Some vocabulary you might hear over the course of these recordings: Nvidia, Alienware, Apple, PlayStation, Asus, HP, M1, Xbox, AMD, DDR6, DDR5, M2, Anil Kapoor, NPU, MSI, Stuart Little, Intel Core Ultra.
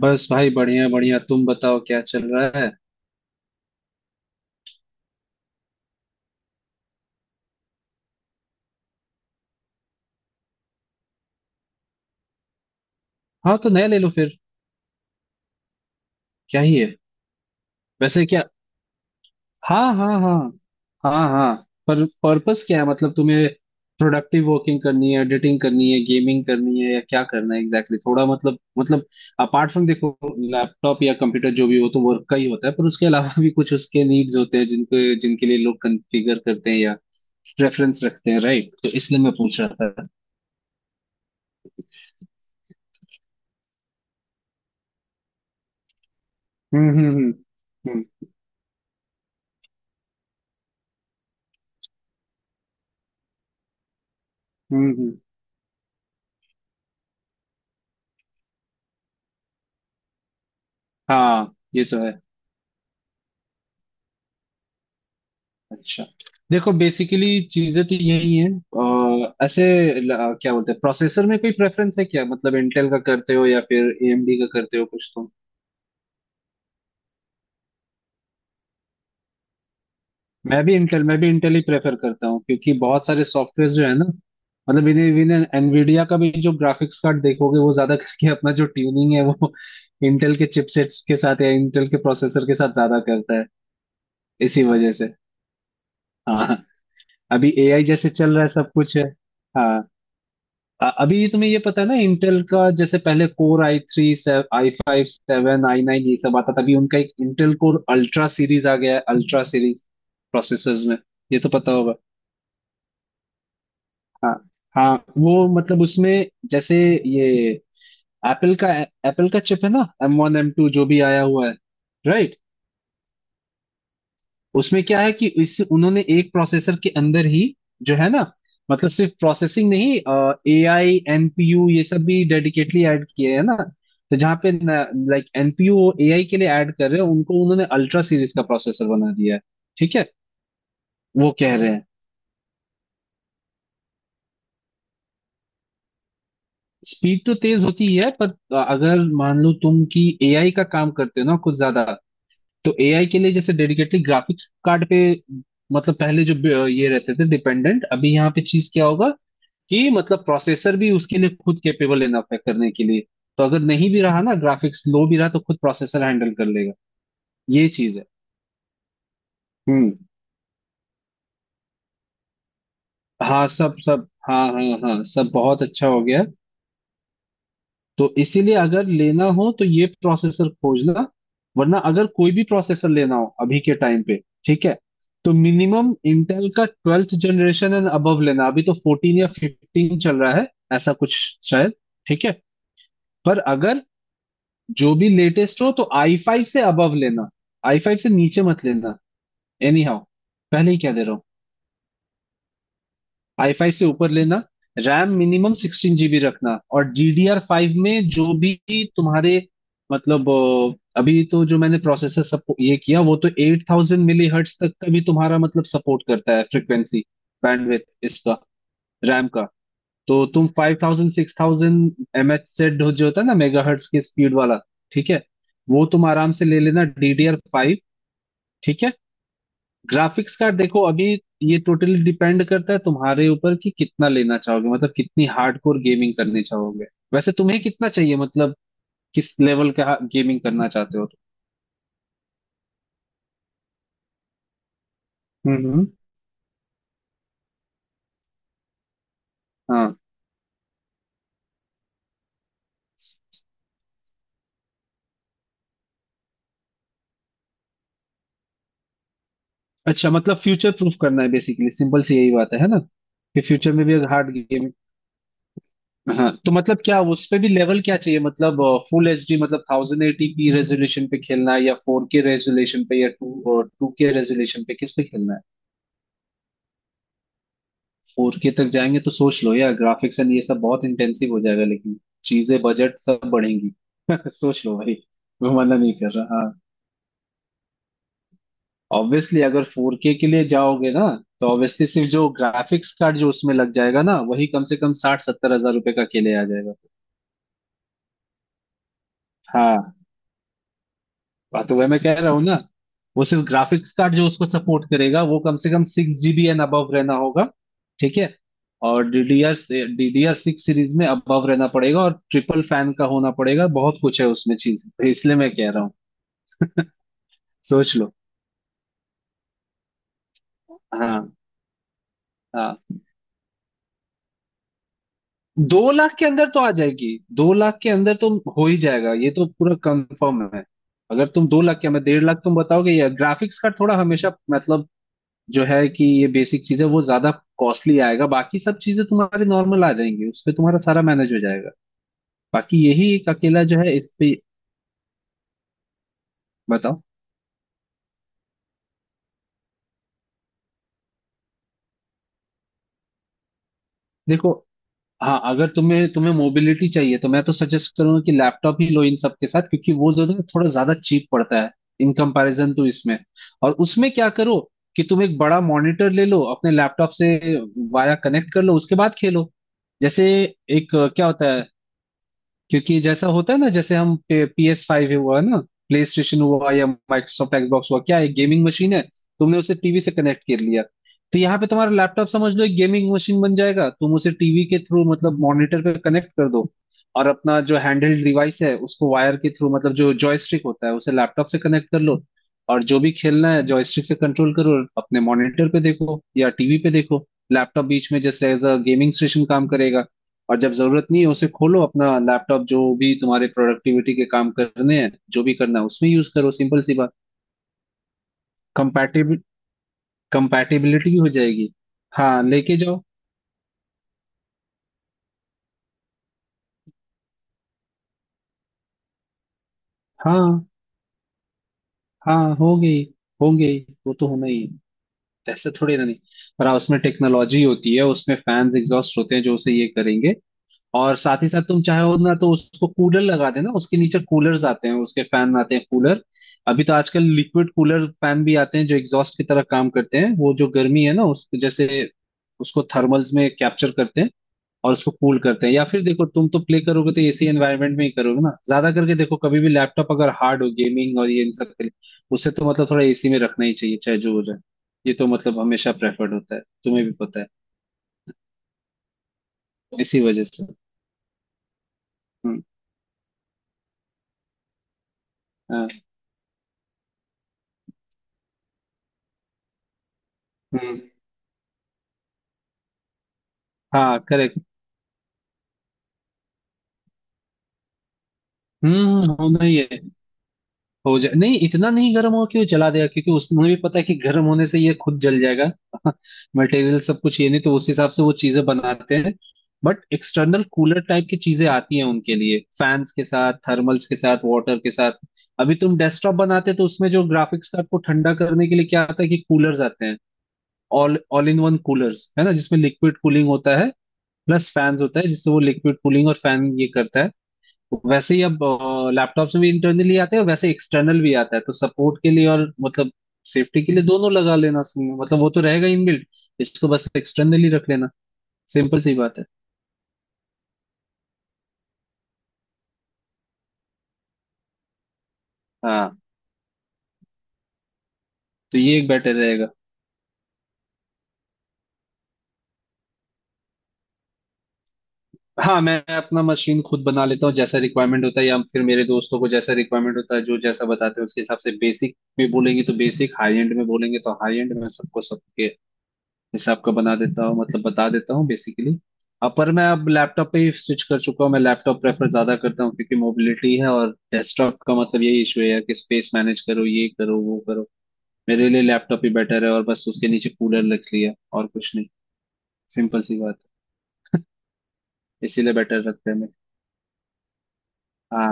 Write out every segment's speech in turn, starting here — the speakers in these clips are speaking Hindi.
बस भाई बढ़िया बढ़िया। तुम बताओ क्या चल रहा है। हाँ तो नया ले लो फिर। क्या ही है वैसे, क्या? हाँ हाँ हाँ। हाँ हाँ। पर पर्पस क्या है, मतलब तुम्हें प्रोडक्टिव वर्किंग करनी है, एडिटिंग करनी है, गेमिंग करनी है, या क्या करना है एग्जैक्टली exactly? थोड़ा मतलब अपार्ट फ्रॉम, देखो लैपटॉप या कंप्यूटर जो भी हो तो वर्क का ही होता है, पर उसके अलावा भी कुछ उसके नीड्स होते हैं जिनको जिनके लिए लोग कॉन्फ़िगर करते हैं या रेफरेंस रखते हैं, राइट? तो इसलिए मैं पूछ रहा था। हम्म। हम्म हम्म हम्म। हाँ ये तो है। अच्छा देखो बेसिकली चीजें तो यही हैं। ऐसे क्या बोलते हैं, प्रोसेसर में कोई प्रेफरेंस है क्या? मतलब इंटेल का करते हो या फिर एएमडी का करते हो, कुछ तो। मैं भी इंटेल ही प्रेफर करता हूँ, क्योंकि बहुत सारे सॉफ्टवेयर जो है ना, मतलब इन्हें इन्हें एनवीडिया का भी जो ग्राफिक्स कार्ड देखोगे वो ज्यादा करके अपना जो ट्यूनिंग है वो इंटेल के चिपसेट्स के साथ या इंटेल के प्रोसेसर के साथ ज्यादा करता है, इसी वजह से। हाँ अभी एआई जैसे चल रहा है सब कुछ है। हाँ अभी तुम्हें ये पता है ना, इंटेल का जैसे पहले core i three, i five seven, i nine ये सब आता था, अभी उनका एक इंटेल कोर अल्ट्रा सीरीज आ गया है, अल्ट्रा सीरीज प्रोसेसर्स में। ये तो पता होगा। हाँ हाँ वो मतलब उसमें जैसे ये एप्पल का एप्पल का चिप है ना, M1 M2 जो भी आया हुआ है, राइट? उसमें क्या है कि इससे उन्होंने एक प्रोसेसर के अंदर ही जो है ना मतलब सिर्फ प्रोसेसिंग नहीं, ए आई एनपीयू ये सब भी डेडिकेटली ऐड किए हैं ना। तो जहाँ पे लाइक एनपीयू ए आई के लिए ऐड कर रहे हैं उनको, उन्होंने अल्ट्रा सीरीज का प्रोसेसर बना दिया है, ठीक है? वो कह रहे हैं। स्पीड तो तेज होती है, पर अगर मान लो तुम कि एआई का काम करते हो ना कुछ ज्यादा, तो एआई के लिए जैसे डेडिकेटली ग्राफिक्स कार्ड पे मतलब पहले जो ये रहते थे डिपेंडेंट, अभी यहाँ पे चीज क्या होगा कि मतलब प्रोसेसर भी उसके लिए खुद कैपेबल इनफ है करने के लिए। तो अगर नहीं भी रहा ना ग्राफिक्स लो भी रहा तो खुद प्रोसेसर हैंडल कर लेगा, ये चीज है। हम्म। हाँ सब सब हाँ हाँ हाँ सब बहुत अच्छा हो गया। तो इसीलिए अगर लेना हो तो ये प्रोसेसर खोजना। वरना अगर कोई भी प्रोसेसर लेना हो अभी के टाइम पे, ठीक है, तो मिनिमम इंटेल का ट्वेल्थ जनरेशन एंड अबव लेना, अभी तो फोर्टीन या फिफ्टीन चल रहा है ऐसा कुछ शायद, ठीक है। पर अगर जो भी लेटेस्ट हो तो आई फाइव से अबव लेना, आई फाइव से नीचे मत लेना, एनी हाउ। पहले ही कह दे रहा हूँ, आई फाइव से ऊपर लेना। रैम मिनिमम 16 GB रखना और DDR5 में जो भी तुम्हारे मतलब, अभी तो जो मैंने प्रोसेसर सब ये किया वो तो 8000 MHz तक का भी तुम्हारा मतलब सपोर्ट करता है, फ्रिक्वेंसी बैंडविड्थ इसका, रैम का। तो तुम 5000 6000 MHz से जो होता है ना मेगाहर्ट्ज के स्पीड वाला, ठीक है, वो तुम आराम से ले लेना DDR5 फाइव, ठीक है। ग्राफिक्स कार्ड देखो अभी ये टोटली डिपेंड करता है तुम्हारे ऊपर कि कितना लेना चाहोगे, मतलब कितनी हार्डकोर गेमिंग करनी चाहोगे। वैसे तुम्हें कितना चाहिए, मतलब किस लेवल का गेमिंग करना चाहते हो तुम? हाँ अच्छा मतलब फ्यूचर प्रूफ करना है बेसिकली, सिंपल सी यही बात है ना, कि फ्यूचर में भी हार्ड गेमिंग। हाँ तो मतलब क्या उस पे भी लेवल क्या चाहिए, मतलब फुल एच डी मतलब 1080p रेजोल्यूशन पे खेलना है या फोर के रेजोल्यूशन पे या टू और टू के रेजोल्यूशन पे, किस पे खेलना है? फोर के तक जाएंगे तो सोच लो यार, ग्राफिक्स एंड ये सब बहुत इंटेंसिव हो जाएगा, लेकिन चीजें बजट सब बढ़ेंगी। सोच लो भाई, मैं मना नहीं कर रहा। हाँ ऑब्वियसली अगर फोर के लिए जाओगे ना तो ऑब्वियसली सिर्फ जो ग्राफिक्स कार्ड जो उसमें लग जाएगा ना वही कम से कम 60-70 हजार रुपए का अकेले आ जाएगा। हाँ बात तो वह मैं कह रहा हूँ ना, वो सिर्फ ग्राफिक्स कार्ड जो उसको सपोर्ट करेगा वो कम से कम 6 GB एंड अबव रहना होगा, ठीक है? और डीडीआर, सिक्स सीरीज में अबव रहना पड़ेगा और ट्रिपल फैन का होना पड़ेगा, बहुत कुछ है उसमें चीज, तो इसलिए मैं कह रहा हूँ सोच लो। हाँ। हाँ 2 लाख के अंदर तो आ जाएगी। 2 लाख के अंदर तो हो ही जाएगा ये तो पूरा कंफर्म है। अगर तुम 2 लाख क्या मैं 1.5 लाख तुम बताओगे, या ग्राफिक्स कार्ड थोड़ा हमेशा मतलब जो है कि ये बेसिक चीजें वो ज्यादा कॉस्टली आएगा, बाकी सब चीजें तुम्हारी नॉर्मल आ जाएंगी, उस पे तुम्हारा सारा मैनेज हो जाएगा। बाकी यही एक अकेला जो है इस पे, बताओ। देखो हाँ अगर तुम्हें तुम्हें मोबिलिटी चाहिए तो मैं तो सजेस्ट करूंगा कि लैपटॉप ही लो इन सब के साथ, क्योंकि वो जो है थोड़ा ज्यादा चीप पड़ता है इन कंपैरिजन टू इसमें। और उसमें क्या करो कि तुम एक बड़ा मॉनिटर ले लो अपने लैपटॉप से वाया कनेक्ट कर लो, उसके बाद खेलो। जैसे एक क्या होता है, क्योंकि जैसा होता है ना, जैसे हम PS5 हुआ ना, प्ले स्टेशन हुआ या माइक्रोसॉफ्ट एक्सबॉक्स हुआ, क्या है, गेमिंग मशीन है। तुमने उसे टीवी से कनेक्ट कर लिया, तो यहाँ पे तुम्हारा लैपटॉप समझ लो एक गेमिंग मशीन बन जाएगा, तुम उसे टीवी के थ्रू मतलब मॉनिटर पे कनेक्ट कर दो, और अपना जो हैंडहेल्ड डिवाइस है उसको वायर के थ्रू मतलब जो जॉयस्टिक होता है उसे लैपटॉप से कनेक्ट कर लो, और जो भी खेलना है जॉयस्टिक से कंट्रोल करो, अपने मॉनिटर पे देखो या टीवी पे देखो। लैपटॉप बीच में जैसे एज अ गेमिंग स्टेशन काम करेगा, और जब जरूरत नहीं है उसे खोलो अपना लैपटॉप, जो भी तुम्हारे प्रोडक्टिविटी के काम करने हैं जो भी करना है उसमें यूज करो, सिंपल सी बात। कंपैटिबिल कंपैटिबिलिटी हो जाएगी। हाँ लेके जाओ। हाँ हाँ हो गई, हो गई, वो तो होना ही है, ऐसा थोड़ी ना नहीं। पर हाँ, उसमें टेक्नोलॉजी होती है, उसमें फैंस एग्जॉस्ट होते हैं जो उसे ये करेंगे, और साथ ही साथ तुम चाहो ना तो उसको कूलर लगा देना, उसके नीचे कूलर्स आते हैं, उसके फैन आते हैं कूलर। अभी तो आजकल लिक्विड कूलर फैन भी आते हैं जो एग्जॉस्ट की तरह काम करते हैं, वो जो गर्मी है ना उसको जैसे उसको थर्मल्स में कैप्चर करते हैं और उसको कूल करते हैं। या फिर देखो तुम तो प्ले करोगे तो एसी एनवायरनमेंट में ही करोगे ना ज्यादा करके, देखो कभी भी लैपटॉप अगर हार्ड हो गेमिंग और ये इन सब के लिए, उससे तो मतलब थोड़ा एसी में रखना ही चाहिए चाहे जो हो जाए, ये तो मतलब हमेशा प्रेफर्ड होता है, तुम्हें भी पता है, इसी वजह से। हम्म। हाँ, हम्म। हाँ करेक्ट। होना ही है, हो जाए नहीं इतना नहीं गर्म हो कि वो जला देगा, क्योंकि उसमें भी पता है कि गर्म होने से ये खुद जल जाएगा। मटेरियल सब कुछ ये नहीं तो उस हिसाब से वो चीजें बनाते हैं। बट एक्सटर्नल कूलर टाइप की चीजें आती हैं उनके लिए फैंस के साथ थर्मल्स के साथ वाटर के साथ। अभी तुम डेस्कटॉप बनाते तो उसमें जो ग्राफिक्स कार्ड को ठंडा करने के लिए क्या आता है कि कूलर्स आते हैं, all all in one coolers है ना जिसमें लिक्विड कूलिंग होता है, प्लस फैंस होता है जिससे वो लिक्विड कूलिंग और फैन ये करता है। वैसे ही अब लैपटॉप में भी इंटरनली आते हैं, वैसे एक्सटर्नल भी आता है तो सपोर्ट के लिए और मतलब सेफ्टी के लिए दोनों लगा लेना सही है। मतलब वो तो रहेगा इनबिल्ट, इसको बस एक्सटर्नली रख लेना, सिंपल सी बात है। हाँ तो ये एक बेटर रहेगा। हाँ मैं अपना मशीन खुद बना लेता हूँ जैसा रिक्वायरमेंट होता है, या फिर मेरे दोस्तों को जैसा रिक्वायरमेंट होता है जो जैसा बताते हैं उसके हिसाब से, बेसिक में बोलेंगे तो बेसिक, हाई एंड में बोलेंगे तो हाई एंड में, सबको सबके हिसाब का बना देता हूँ, मतलब बता देता हूँ बेसिकली। अब पर मैं अब लैपटॉप पे ही स्विच कर चुका हूँ, मैं लैपटॉप प्रेफर ज्यादा करता हूँ क्योंकि मोबिलिटी है, और डेस्कटॉप का मतलब यही इशू है यार कि स्पेस मैनेज करो, ये करो वो करो। मेरे लिए लैपटॉप ही बेटर है, और बस उसके नीचे कूलर रख लिया, और कुछ नहीं, सिंपल सी बात है। इसीलिए बेटर रखते हैं मैं। हाँ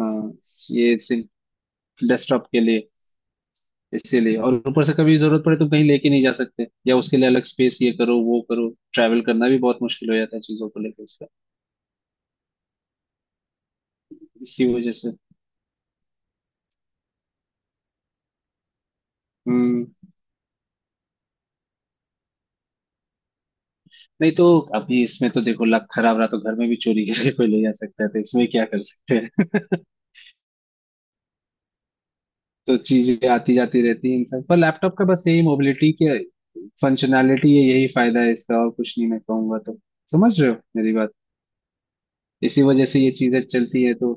हाँ ये डेस्कटॉप के लिए इसीलिए, और ऊपर से कभी जरूरत पड़े तो कहीं लेके नहीं जा सकते या उसके लिए अलग स्पेस ये करो वो करो, ट्रैवल करना भी बहुत मुश्किल हो जाता है चीजों को लेकर उसका, इसी वजह से। हम्म। नहीं तो अभी इसमें तो देखो लक खराब रहा तो घर में भी चोरी करके कोई ले जा सकता है, तो इसमें क्या कर सकते हैं। तो चीजें आती जाती रहती हैं इंसान पर, लैपटॉप का बस यही मोबिलिटी के फंक्शनैलिटी है, यही फायदा है इसका और कुछ नहीं मैं कहूंगा तो। समझ रहे हो मेरी बात, इसी वजह से ये चीजें चलती है तो।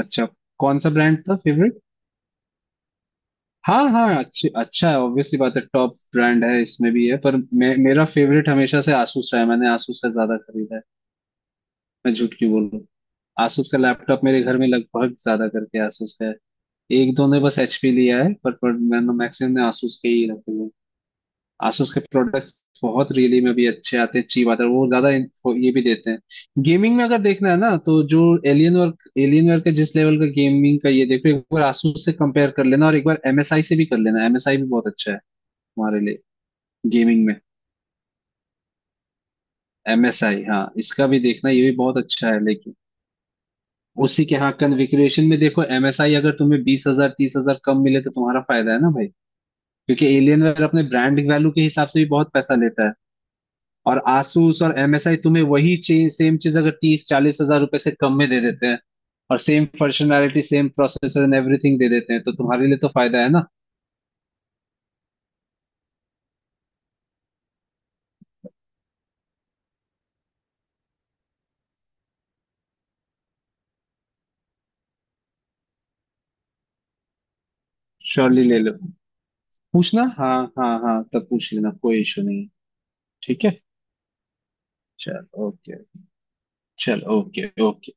अच्छा कौन सा ब्रांड था फेवरेट? हाँ हाँ अच्छी अच्छा है ऑब्वियसली, बात है टॉप ब्रांड है, इसमें भी है, पर मेरा फेवरेट हमेशा से आसूस रहा है, मैंने आसूस का ज्यादा खरीदा है, मैं झूठ क्यों बोलूं। asus का लैपटॉप मेरे घर में लगभग ज्यादा करके asus का है, एक दो ने बस hp लिया है, पर मैंने मैक्सिमम ने asus के ही रखे हुए हैं। asus के प्रोडक्ट्स बहुत रियली में भी अच्छे आते हैं, चीप आते हैं वो ज्यादा। वो ये भी देते हैं गेमिंग में अगर देखना है ना तो जो एलियन वर्क, एलियन वर्क का जिस लेवल का गेमिंग का ये, देखो एक बार asus से कंपेयर कर लेना और एक बार msi से भी कर लेना, msi भी बहुत अच्छा है हमारे लिए गेमिंग में। msi हाँ इसका भी देखना, ये भी बहुत अच्छा है लेकिन उसी के हाँ कन्फिग्रेशन में देखो, एमएसआई अगर तुम्हें 20 हजार 30 हजार कम मिले तो तुम्हारा फायदा है ना भाई, क्योंकि एलियनवेयर अपने ब्रांड वैल्यू के हिसाब से भी बहुत पैसा लेता है, और आसूस और एमएसआई तुम्हें वही चीज सेम चीज अगर 30-40 हजार रुपए से कम में दे देते हैं, और same functionality same processor and everything दे देते हैं तो तुम्हारे लिए तो फायदा है ना। श्योरली ले लो, पूछना, हाँ हाँ हाँ तब पूछ लेना, कोई इशू नहीं है। ठीक है। चल ओके। चल ओके ओके।